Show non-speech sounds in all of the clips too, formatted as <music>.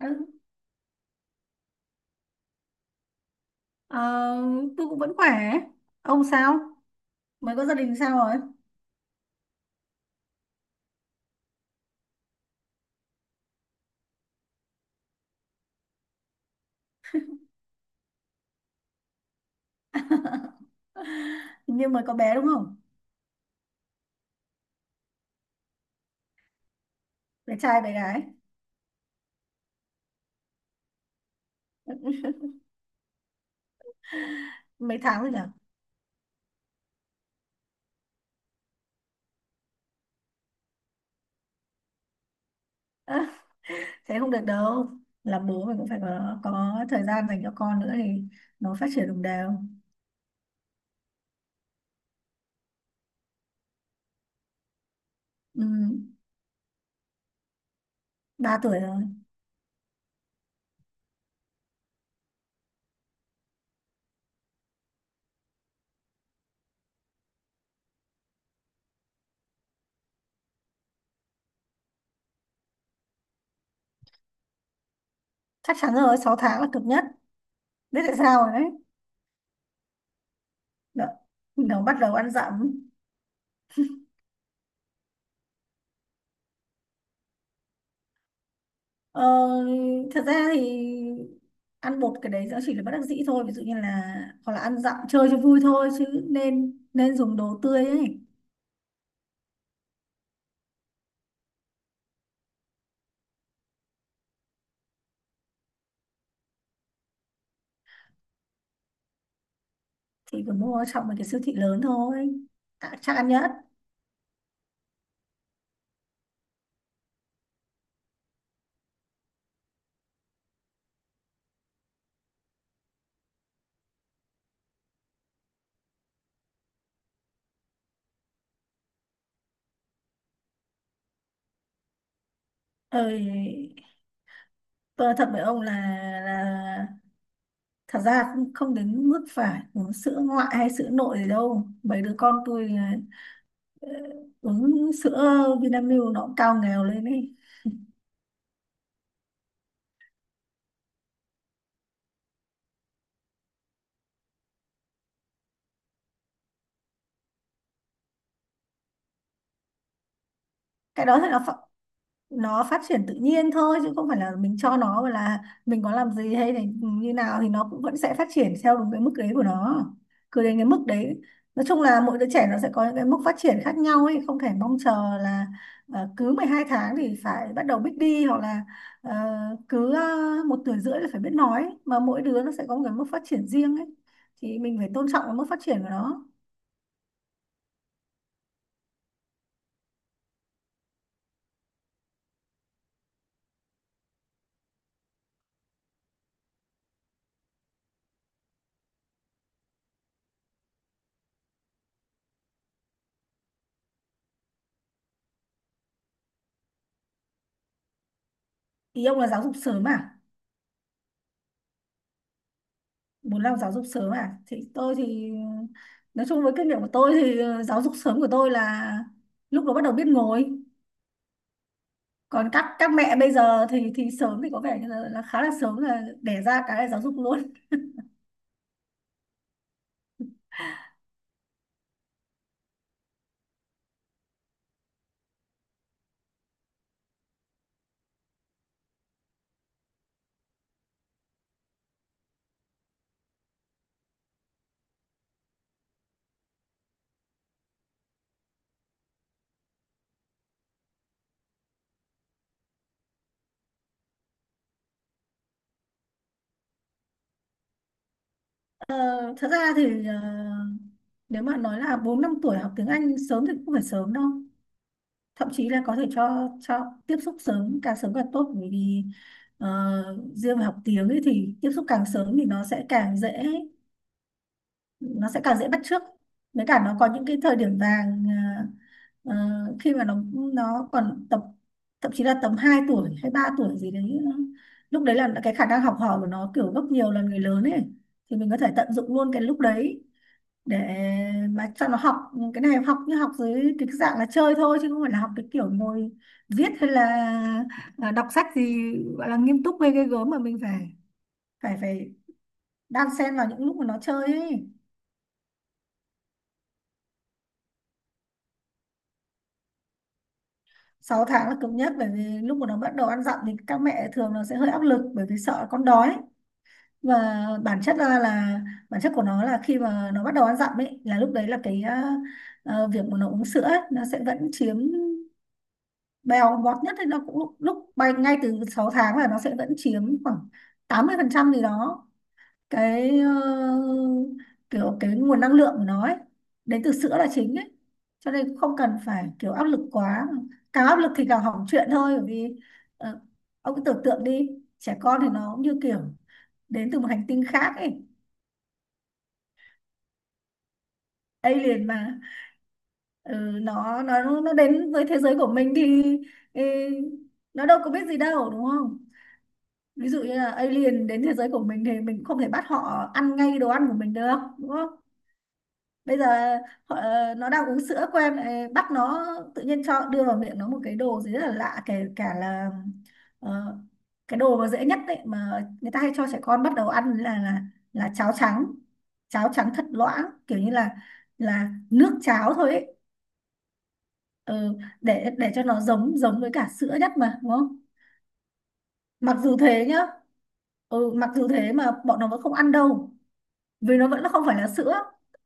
Ừ. Ờ, tôi cũng vẫn khỏe. Ông sao? Mới có gia đình sao rồi? <laughs> Hình như mới có bé đúng không? Bé trai bé gái. Mấy tháng rồi nhỉ? Thế không được đâu. Làm bố mình cũng phải có thời gian dành cho con nữa thì nó phát triển đồng đều. Ừ, 3 tuổi rồi. Chắc chắn rồi, 6 tháng là cực nhất. Biết tại sao rồi đấy. Nó, nó bắt đầu ăn dặm. Ờ, thật ra thì ăn bột cái đấy nó chỉ là bất đắc dĩ thôi, ví dụ như là hoặc là ăn dặm chơi cho vui thôi chứ nên nên dùng đồ tươi ấy. Thì cứ mua ở trong một cái siêu thị lớn thôi à, chắc ăn nhất. Ơi, tôi nói thật với ông là là thật ra cũng không đến mức phải uống sữa ngoại hay sữa nội gì đâu, mấy đứa con tôi ờ, uống sữa Vinamilk nó cũng cao nghèo lên ấy. Cái đó thì nó phát triển tự nhiên thôi, chứ không phải là mình cho nó và là mình có làm gì hay là như nào thì nó cũng vẫn sẽ phát triển theo đúng cái mức đấy của nó, cứ đến cái mức đấy. Nói chung là mỗi đứa trẻ nó sẽ có những cái mức phát triển khác nhau ấy, không thể mong chờ là cứ 12 tháng thì phải bắt đầu biết đi, hoặc là ờ, cứ 1 tuổi rưỡi là phải biết nói, mà mỗi đứa nó sẽ có một cái mức phát triển riêng ấy, thì mình phải tôn trọng cái mức phát triển của nó. Ý ông là giáo dục sớm à? Muốn làm giáo dục sớm à, thì tôi thì nói chung với kinh nghiệm của tôi thì giáo dục sớm của tôi là lúc đó bắt đầu biết ngồi. Còn các mẹ bây giờ thì sớm thì có vẻ như là khá là sớm, là đẻ ra cái là giáo dục luôn. Ờ, thật ra thì nếu mà nói là bốn năm tuổi học tiếng Anh sớm thì cũng không phải sớm đâu, thậm chí là có thể cho tiếp xúc sớm càng tốt, bởi vì riêng về học tiếng ấy thì tiếp xúc càng sớm thì nó sẽ càng dễ, nó sẽ càng dễ bắt chước. Với cả nó có những cái thời điểm vàng, ờ, khi mà nó còn tập, thậm chí là tầm 2 tuổi hay 3 tuổi gì đấy, lúc đấy là cái khả năng học hỏi của nó kiểu gấp nhiều lần người lớn ấy, thì mình có thể tận dụng luôn cái lúc đấy để mà cho nó học. Cái này học như học dưới cái dạng là chơi thôi, chứ không phải là học cái kiểu ngồi viết hay là đọc sách gì gọi là nghiêm túc hay ghê gớm mà mình phải phải phải đan xen vào những lúc mà nó chơi ấy. Sáu tháng là cứng nhất, bởi vì lúc mà nó bắt đầu ăn dặm thì các mẹ thường nó sẽ hơi áp lực, bởi vì sợ con đói. Và bản chất ra là bản chất của nó là khi mà nó bắt đầu ăn dặm ấy, là lúc đấy là cái việc mà nó uống sữa ấy, nó sẽ vẫn chiếm bèo bọt nhất, thì nó cũng lúc bay ngay từ 6 tháng là nó sẽ vẫn chiếm khoảng 80% gì đó. Cái kiểu cái nguồn năng lượng của nó ấy, đến từ sữa là chính ấy. Cho nên cũng không cần phải kiểu áp lực quá, càng áp lực thì càng hỏng chuyện thôi, bởi vì ờ, ông cứ tưởng tượng đi, trẻ con thì nó cũng như kiểu đến từ một hành tinh khác ấy, alien mà. Ừ, nó đến với thế giới của mình thì ừ, nó đâu có biết gì đâu đúng không? Ví dụ như là alien đến thế giới của mình thì mình không thể bắt họ ăn ngay đồ ăn của mình được đúng không? Bây giờ họ, nó đang uống sữa của em, lại bắt nó tự nhiên cho đưa vào miệng nó một cái đồ gì rất là lạ, kể cả là ờ, cái đồ mà dễ nhất đấy mà người ta hay cho trẻ con bắt đầu ăn là là cháo trắng. Cháo trắng thật loãng, kiểu như là nước cháo thôi ấy. Ừ, để cho nó giống giống với cả sữa nhất mà đúng không? Mặc dù thế nhá, ừ, mặc dù thế mà bọn nó vẫn không ăn đâu, vì nó vẫn là không phải là sữa.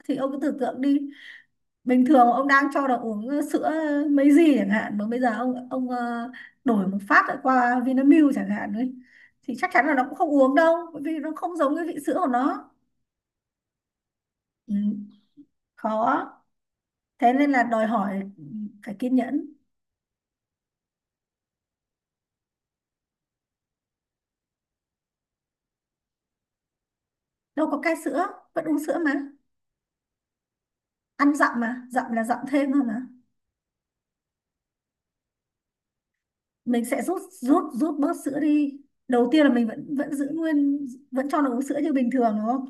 Thì ông cứ tưởng tượng đi, bình thường ông đang cho nó uống sữa mấy gì chẳng hạn, mà bây giờ ông đổi một phát lại qua Vinamilk chẳng hạn ấy, thì chắc chắn là nó cũng không uống đâu bởi vì nó không giống cái vị sữa của nó. Ừ, khó, thế nên là đòi hỏi phải kiên nhẫn. Đâu có cai sữa, vẫn uống sữa mà, ăn dặm mà dặm là dặm thêm thôi mà. Mình sẽ rút rút rút bớt sữa đi, đầu tiên là mình vẫn vẫn giữ nguyên, vẫn cho nó uống sữa như bình thường đúng không?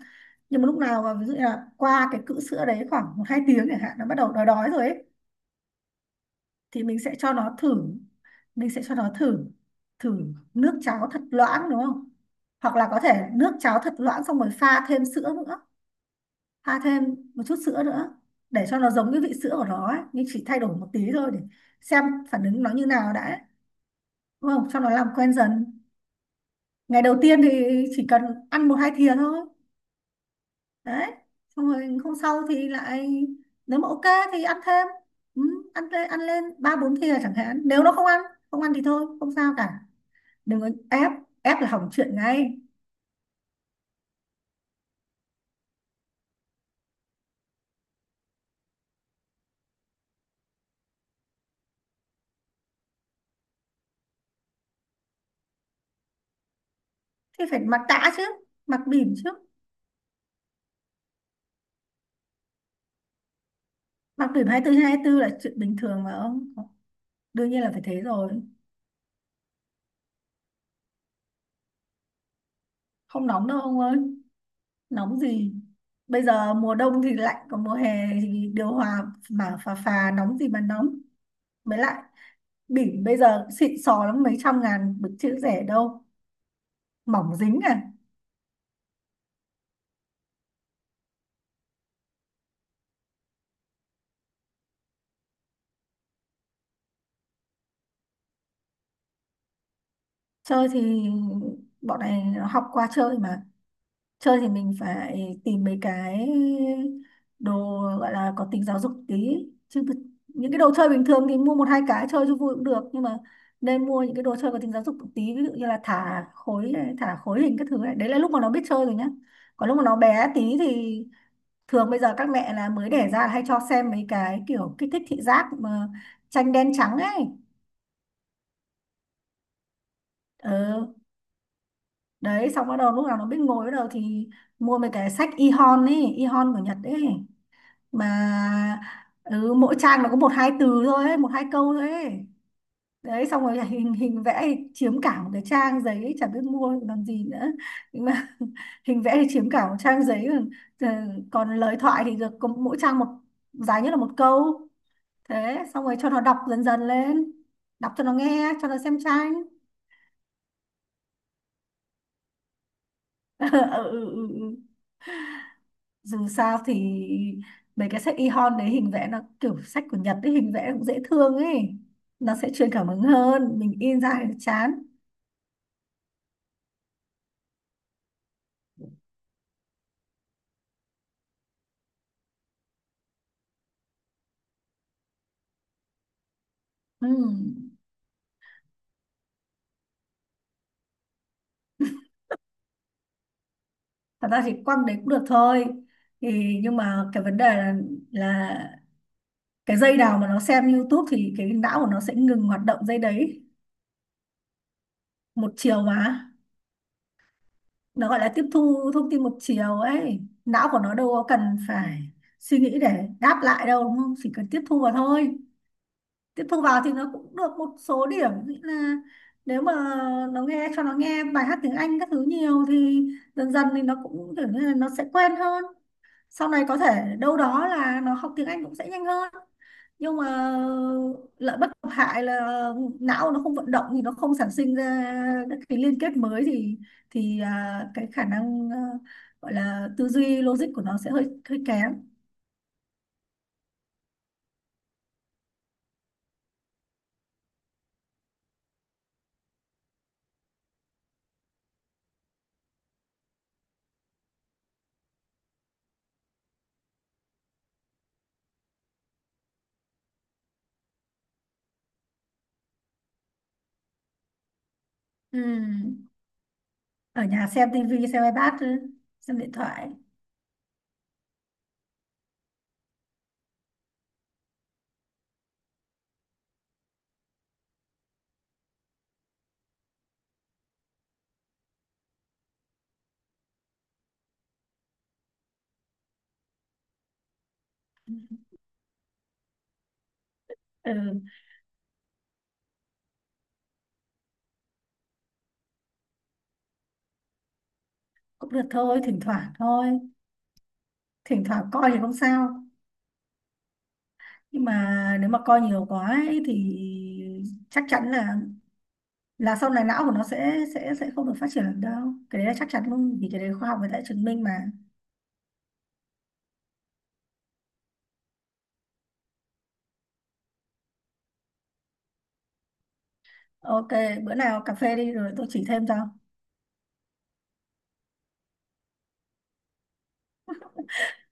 Nhưng mà lúc nào mà ví dụ như là qua cái cữ sữa đấy khoảng một hai tiếng chẳng hạn, nó bắt đầu đói đói rồi ấy, thì mình sẽ cho nó thử thử nước cháo thật loãng đúng không? Hoặc là có thể nước cháo thật loãng xong rồi pha thêm một chút sữa nữa, để cho nó giống cái vị sữa của nó ấy, nhưng chỉ thay đổi một tí thôi để xem phản ứng nó như nào đã ấy, đúng không, cho nó làm quen dần. Ngày đầu tiên thì chỉ cần ăn một hai thìa thôi đấy, xong rồi hôm sau thì lại, nếu mà ok thì ăn thêm. Ừ, ăn lên ba bốn thìa chẳng hạn, nếu nó không ăn, thì thôi không sao cả, đừng có ép, ép là hỏng chuyện ngay. Thì phải mặc tã chứ, mặc bỉm chứ. Mặc bỉm 24/24 là chuyện bình thường mà ông, đương nhiên là phải thế rồi. Không nóng đâu ông ơi, nóng gì, bây giờ mùa đông thì lạnh, còn mùa hè thì điều hòa mà phà phà, nóng gì mà nóng. Mới lại bỉm bây giờ xịn sò lắm, mấy trăm ngàn được chữ rẻ đâu, mỏng dính à. Chơi thì bọn này nó học qua chơi mà, chơi thì mình phải tìm mấy cái đồ gọi là có tính giáo dục tí, chứ những cái đồ chơi bình thường thì mua một hai cái chơi cho vui cũng được, nhưng mà nên mua những cái đồ chơi có tính giáo dục một tí, ví dụ như là thả khối này, thả khối hình các thứ, này đấy là lúc mà nó biết chơi rồi nhá. Còn lúc mà nó bé tí thì thường bây giờ các mẹ là mới đẻ ra là hay cho xem mấy cái kiểu kích thích thị giác mà, tranh đen trắng ấy. Ừ, đấy xong bắt đầu lúc nào nó biết ngồi bắt đầu thì mua mấy cái sách e-hon ấy, e-hon của Nhật ấy mà. Ừ, mỗi trang nó có một hai từ thôi ấy, một hai câu thôi ấy đấy, xong rồi hình hình vẽ thì chiếm cả một cái trang giấy ấy, chả biết mua làm gì nữa. Nhưng mà <laughs> hình vẽ thì chiếm cả một trang giấy, còn còn lời thoại thì được có mỗi trang một, dài nhất là một câu. Thế xong rồi cho nó đọc dần dần lên, đọc cho nó nghe, cho nó xem tranh. <laughs> Ừ, ừ, ừ. Ừ. Dù sao thì mấy cái sách e-hon đấy hình vẽ nó kiểu sách của Nhật ấy, hình vẽ cũng dễ thương ấy, nó sẽ truyền cảm hứng hơn mình in ra thì chán. Ừ. Thật ra thì quăng đấy cũng được thôi thì, nhưng mà cái vấn đề là cái dây nào mà nó xem YouTube thì cái não của nó sẽ ngừng hoạt động dây đấy, một chiều mà. Nó gọi là tiếp thu thông tin một chiều ấy, não của nó đâu có cần phải suy nghĩ để đáp lại đâu đúng không, chỉ cần tiếp thu vào thôi. Tiếp thu vào thì nó cũng được một số điểm, nghĩa là nếu mà nó nghe cho nó nghe bài hát tiếng Anh các thứ nhiều thì dần dần thì nó cũng kiểu như là nó sẽ quen hơn, sau này có thể đâu đó là nó học tiếng Anh cũng sẽ nhanh hơn. Nhưng mà lợi bất cập hại là não nó không vận động thì nó không sản sinh ra các cái liên kết mới, thì à, cái khả năng, à, gọi là tư duy logic của nó sẽ hơi hơi kém. Ừ. Ở nhà xem tivi, xem iPad, xem điện thoại. Ừ. Cũng được thôi, thỉnh thoảng thôi, thỉnh thoảng coi thì không sao, nhưng mà nếu mà coi nhiều quá ấy thì chắc chắn là sau này não của nó sẽ không được phát triển được đâu, cái đấy là chắc chắn luôn vì cái đấy khoa học người ta đã chứng minh mà. Ok, bữa nào cà phê đi rồi tôi chỉ thêm cho.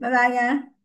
Bye bye nha.